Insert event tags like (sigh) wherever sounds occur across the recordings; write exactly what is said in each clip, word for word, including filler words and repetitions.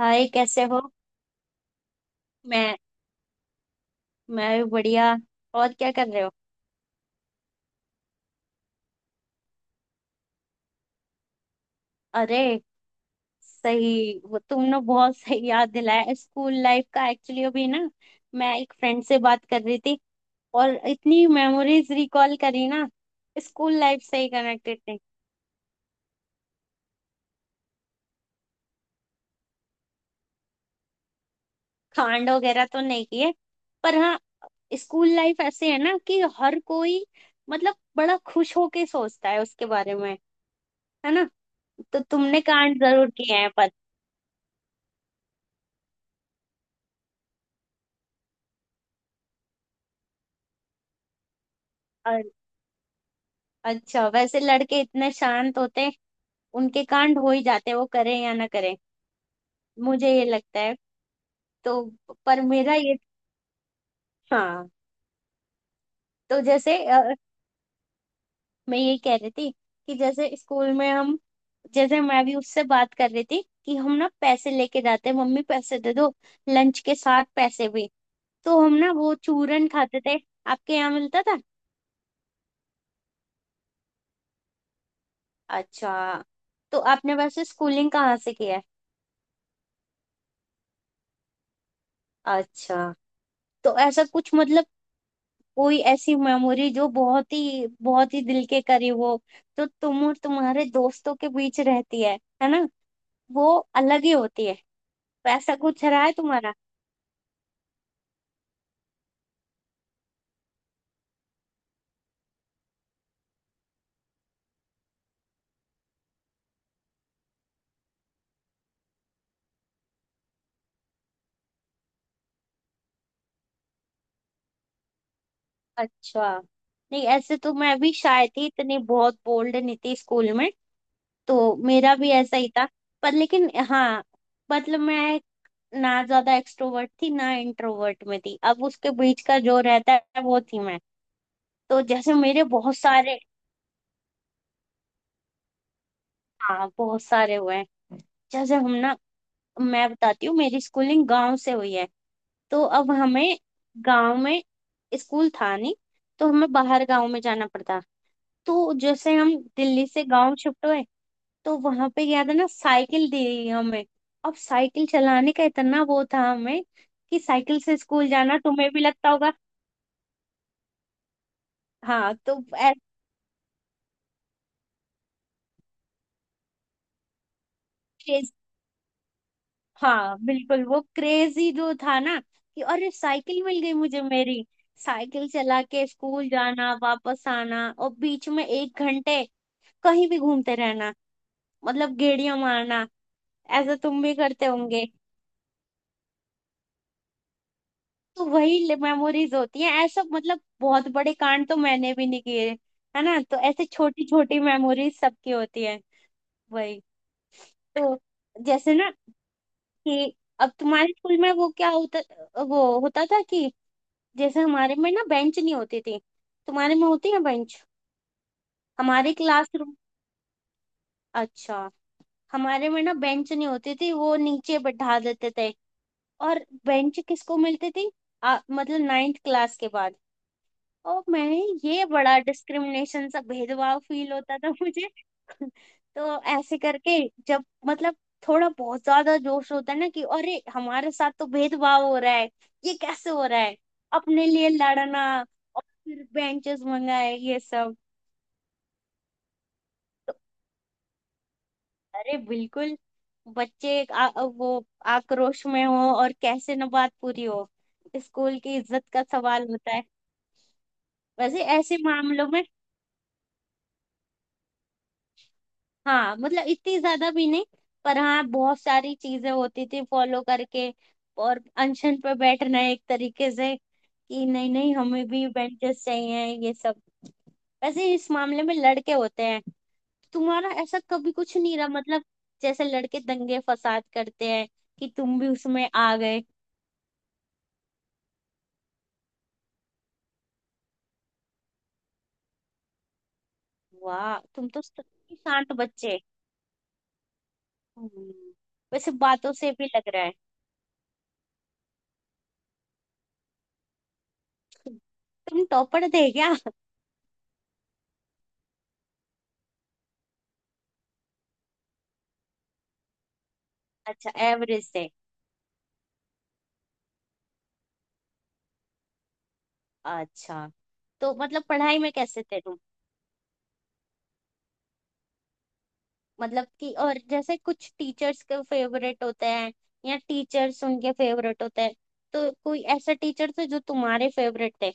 हाय, कैसे हो। मैं मैं भी बढ़िया। और क्या कर रहे हो? अरे सही, वो तुमने बहुत (laughs) सही याद दिलाया स्कूल लाइफ का। एक्चुअली अभी ना मैं एक फ्रेंड से बात कर रही थी और इतनी मेमोरीज रिकॉल करी ना, स्कूल लाइफ से ही कनेक्टेड थी। कांड वगैरह तो नहीं किए, पर हाँ स्कूल लाइफ ऐसे है ना कि हर कोई मतलब बड़ा खुश होके सोचता है उसके बारे में, है ना। तो तुमने कांड जरूर किए हैं। पर अच्छा, वैसे लड़के इतने शांत होते हैं उनके कांड हो ही जाते हैं, वो करें या ना करें, मुझे ये लगता है। तो पर मेरा ये, हाँ। तो जैसे अ, मैं ये कह रही थी कि जैसे स्कूल में हम, जैसे मैं भी उससे बात कर रही थी कि हम ना पैसे लेके जाते हैं, मम्मी पैसे दे दो, लंच के साथ पैसे भी। तो हम ना वो चूरन खाते थे। आपके यहाँ मिलता था? अच्छा, तो आपने वैसे स्कूलिंग कहाँ से किया है? अच्छा, तो ऐसा कुछ मतलब कोई ऐसी मेमोरी जो बहुत ही बहुत ही दिल के करीब हो, जो तुम और तुम्हारे दोस्तों के बीच रहती है है ना, वो अलग ही होती है। तो ऐसा कुछ रहा है तुम्हारा? अच्छा, नहीं ऐसे तो मैं भी शाय थी, इतनी बहुत बोल्ड नहीं थी स्कूल में। तो मेरा भी ऐसा ही था। पर लेकिन हाँ, मतलब मैं ना ज्यादा एक्सट्रोवर्ट थी ना इंट्रोवर्ट में थी, अब उसके बीच का जो रहता है वो थी मैं। तो जैसे मेरे बहुत सारे, हाँ बहुत सारे हुए हैं। जैसे हम ना, मैं बताती हूँ, मेरी स्कूलिंग गांव से हुई है। तो अब हमें गांव में स्कूल था नहीं, तो हमें बाहर गांव में जाना पड़ता। तो जैसे हम दिल्ली से गांव शिफ्ट हुए, तो वहां पे याद है ना, साइकिल दी गई हमें। अब साइकिल चलाने का इतना वो था हमें कि साइकिल से स्कूल जाना तुम्हें भी लगता होगा। हाँ, तो ऐसे हाँ, बिल्कुल वो क्रेजी जो था ना कि अरे साइकिल मिल गई मुझे मेरी, साइकिल चला के स्कूल जाना, वापस आना, और बीच में एक घंटे कहीं भी घूमते रहना, मतलब गेड़ियां मारना। ऐसा तुम भी करते होंगे। तो वही मेमोरीज होती हैं, ऐसा मतलब बहुत बड़े कांड तो मैंने भी नहीं किए, है ना। तो ऐसे छोटी छोटी मेमोरीज सबकी होती है, वही। तो जैसे ना कि अब तुम्हारे स्कूल में वो क्या होता, वो होता था कि जैसे हमारे में ना बेंच नहीं होती थी। तुम्हारे में होती है बेंच? हमारे क्लासरूम, अच्छा। हमारे में ना बेंच नहीं होती थी, वो नीचे बैठा देते थे। और बेंच किसको मिलती थी? आ, मतलब नाइन्थ क्लास के बाद। और मैं, ये बड़ा डिस्क्रिमिनेशन सा भेदभाव फील होता था मुझे। (laughs) तो ऐसे करके जब मतलब थोड़ा बहुत ज्यादा जोश होता है ना कि अरे हमारे साथ तो भेदभाव हो रहा है, ये कैसे हो रहा है, अपने लिए लड़ना। और फिर बेंचेस मंगाए ये सब। अरे बिल्कुल। बच्चे एक आ, वो आक्रोश में हो, और कैसे न बात पूरी हो, स्कूल की इज्जत का सवाल होता है। वैसे ऐसे मामलों में हाँ मतलब इतनी ज्यादा भी नहीं, पर हाँ बहुत सारी चीजें होती थी फॉलो करके, और अनशन पे बैठना एक तरीके से कि नहीं नहीं, हमें भी बेंचेस चाहिए ये सब। वैसे इस मामले में लड़के होते हैं, तुम्हारा ऐसा कभी कुछ नहीं रहा मतलब, जैसे लड़के दंगे फसाद करते हैं, कि तुम भी उसमें आ गए? वाह, तुम तो सच्ची शांत बच्चे। हम्म, वैसे बातों से भी लग रहा है। तुम टॉपर थे क्या? अच्छा एवरेज थे? अच्छा, तो मतलब पढ़ाई में कैसे थे तुम? मतलब कि और जैसे कुछ टीचर्स के फेवरेट होते हैं, या टीचर्स उनके फेवरेट होते हैं, तो कोई ऐसा टीचर थे जो तुम्हारे फेवरेट थे?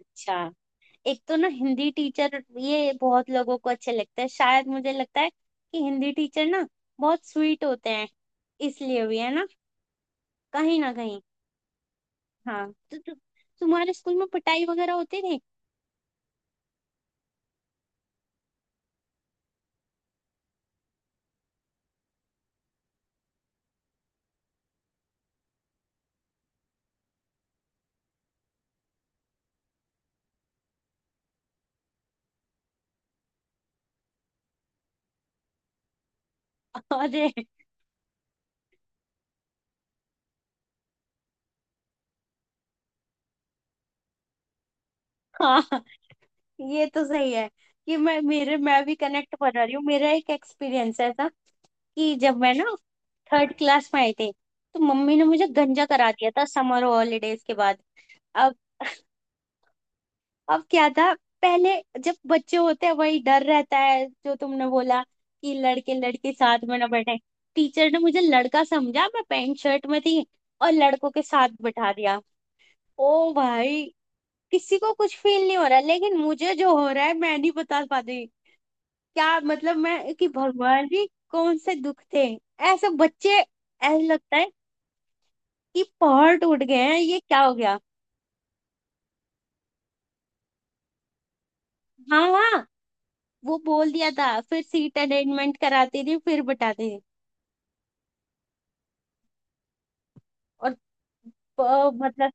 अच्छा, एक तो ना हिंदी टीचर ये बहुत लोगों को अच्छे लगते हैं, शायद मुझे लगता है कि हिंदी टीचर ना बहुत स्वीट होते हैं, इसलिए भी है ना कहीं ना कहीं। हाँ, तो तु, तुम्हारे स्कूल में पिटाई वगैरह होती थी? (laughs) अरे हाँ, ये तो सही है कि मैं मेरे, मैं भी कनेक्ट कर रही हूँ, मेरा एक एक्सपीरियंस है था कि जब मैं ना थर्ड क्लास में आई थी तो मम्मी ने मुझे गंजा करा दिया था समर हॉलीडेज के बाद। अब अब क्या था? पहले जब बच्चे होते हैं वही डर रहता है जो तुमने बोला, कि लड़के लड़के साथ में ना बैठे। टीचर ने मुझे लड़का समझा, मैं पैंट शर्ट में थी, और लड़कों के साथ बैठा दिया। ओ भाई, किसी को कुछ फील नहीं हो रहा लेकिन मुझे जो हो रहा है मैं नहीं बता पाती। क्या मतलब मैं कि भगवान जी कौन से दुख थे, ऐसे बच्चे ऐसा लगता है कि पहाड़ टूट गए हैं, ये क्या हो गया। हाँ हाँ, वो बोल दिया था फिर, सीट अरेंजमेंट कराती थी फिर बताती थी। और अ, मतलब,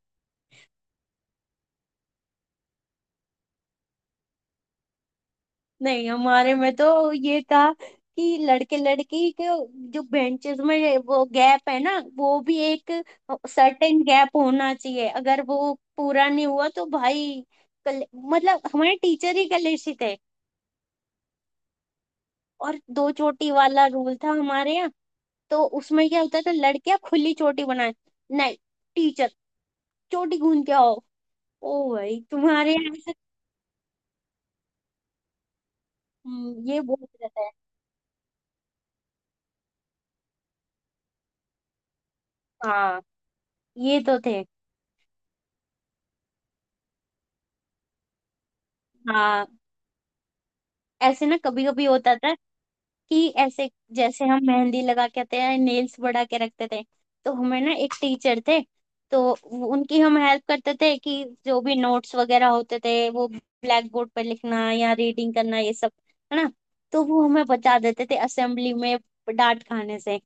नहीं हमारे में तो ये था कि लड़के लड़की के जो बेंचेस में वो गैप है ना, वो भी एक सर्टेन गैप होना चाहिए, अगर वो पूरा नहीं हुआ तो भाई कल, मतलब हमारे टीचर ही कलेशी थे। और दो चोटी वाला रूल था हमारे यहाँ, तो उसमें क्या होता था लड़कियां खुली चोटी बनाए नहीं, टीचर चोटी गूंद के आओ। ओ भाई, तुम्हारे यहाँ ऐसे- हम्म, ये बहुत रहता है। हाँ ये तो थे। हाँ ऐसे ना कभी कभी होता था कि ऐसे जैसे हम मेहंदी लगा के आते हैं, नेल्स बढ़ा के रखते थे। तो हमें ना एक टीचर थे, तो वो- उनकी हम हेल्प करते थे कि जो भी नोट्स वगैरह होते थे वो ब्लैक बोर्ड पर लिखना या रीडिंग करना ये सब, है ना। तो वो हमें बचा देते थे असेंबली में डांट खाने से।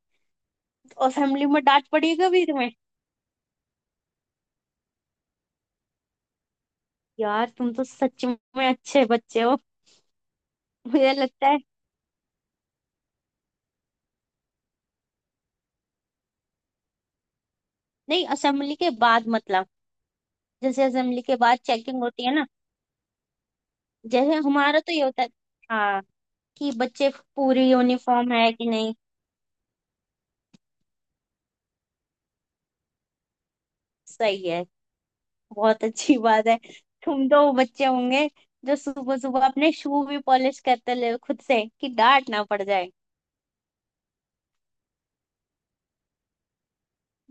असेंबली में डांट पड़ी है कभी तुम्हें? यार, तुम तो सच में अच्छे बच्चे हो, मुझे लगता है। नहीं, असेंबली के बाद मतलब, जैसे असेंबली के बाद चेकिंग होती है ना, जैसे हमारा तो ये होता है, हाँ, कि बच्चे पूरी यूनिफॉर्म है कि नहीं। सही है, बहुत अच्छी बात है। तुम तो वो बच्चे होंगे जो सुबह सुबह अपने शू भी पॉलिश करते ले खुद से कि डांट ना पड़ जाए।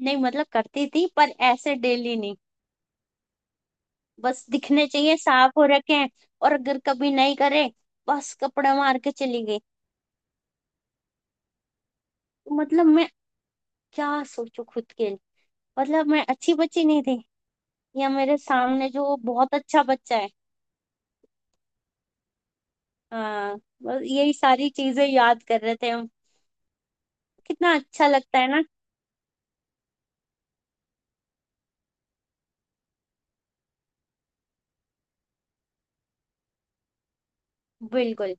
नहीं मतलब करती थी पर ऐसे डेली नहीं, बस दिखने चाहिए साफ हो रखे हैं। और अगर कभी नहीं करे, बस कपड़ा मार के चली गई। तो मतलब मैं क्या सोचू खुद के लिए, मतलब मैं अच्छी बच्ची नहीं थी, या मेरे सामने जो बहुत अच्छा बच्चा है? हाँ, बस यही सारी चीजें याद कर रहे थे हम, कितना अच्छा लगता है ना। बिल्कुल,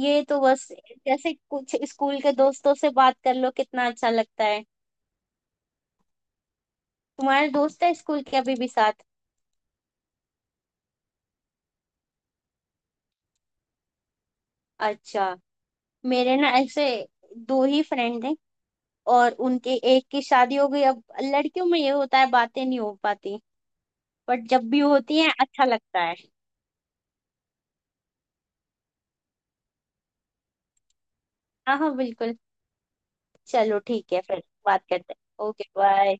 ये तो बस जैसे कुछ स्कूल के दोस्तों से बात कर लो कितना अच्छा लगता है। तुम्हारे दोस्त है स्कूल के अभी भी साथ? अच्छा। मेरे ना ऐसे दो ही फ्रेंड हैं, और उनके एक की शादी हो गई, अब लड़कियों में ये होता है बातें नहीं हो पाती, बट जब भी होती हैं अच्छा लगता है। हाँ हाँ बिल्कुल, चलो ठीक है फिर बात करते हैं, ओके बाय।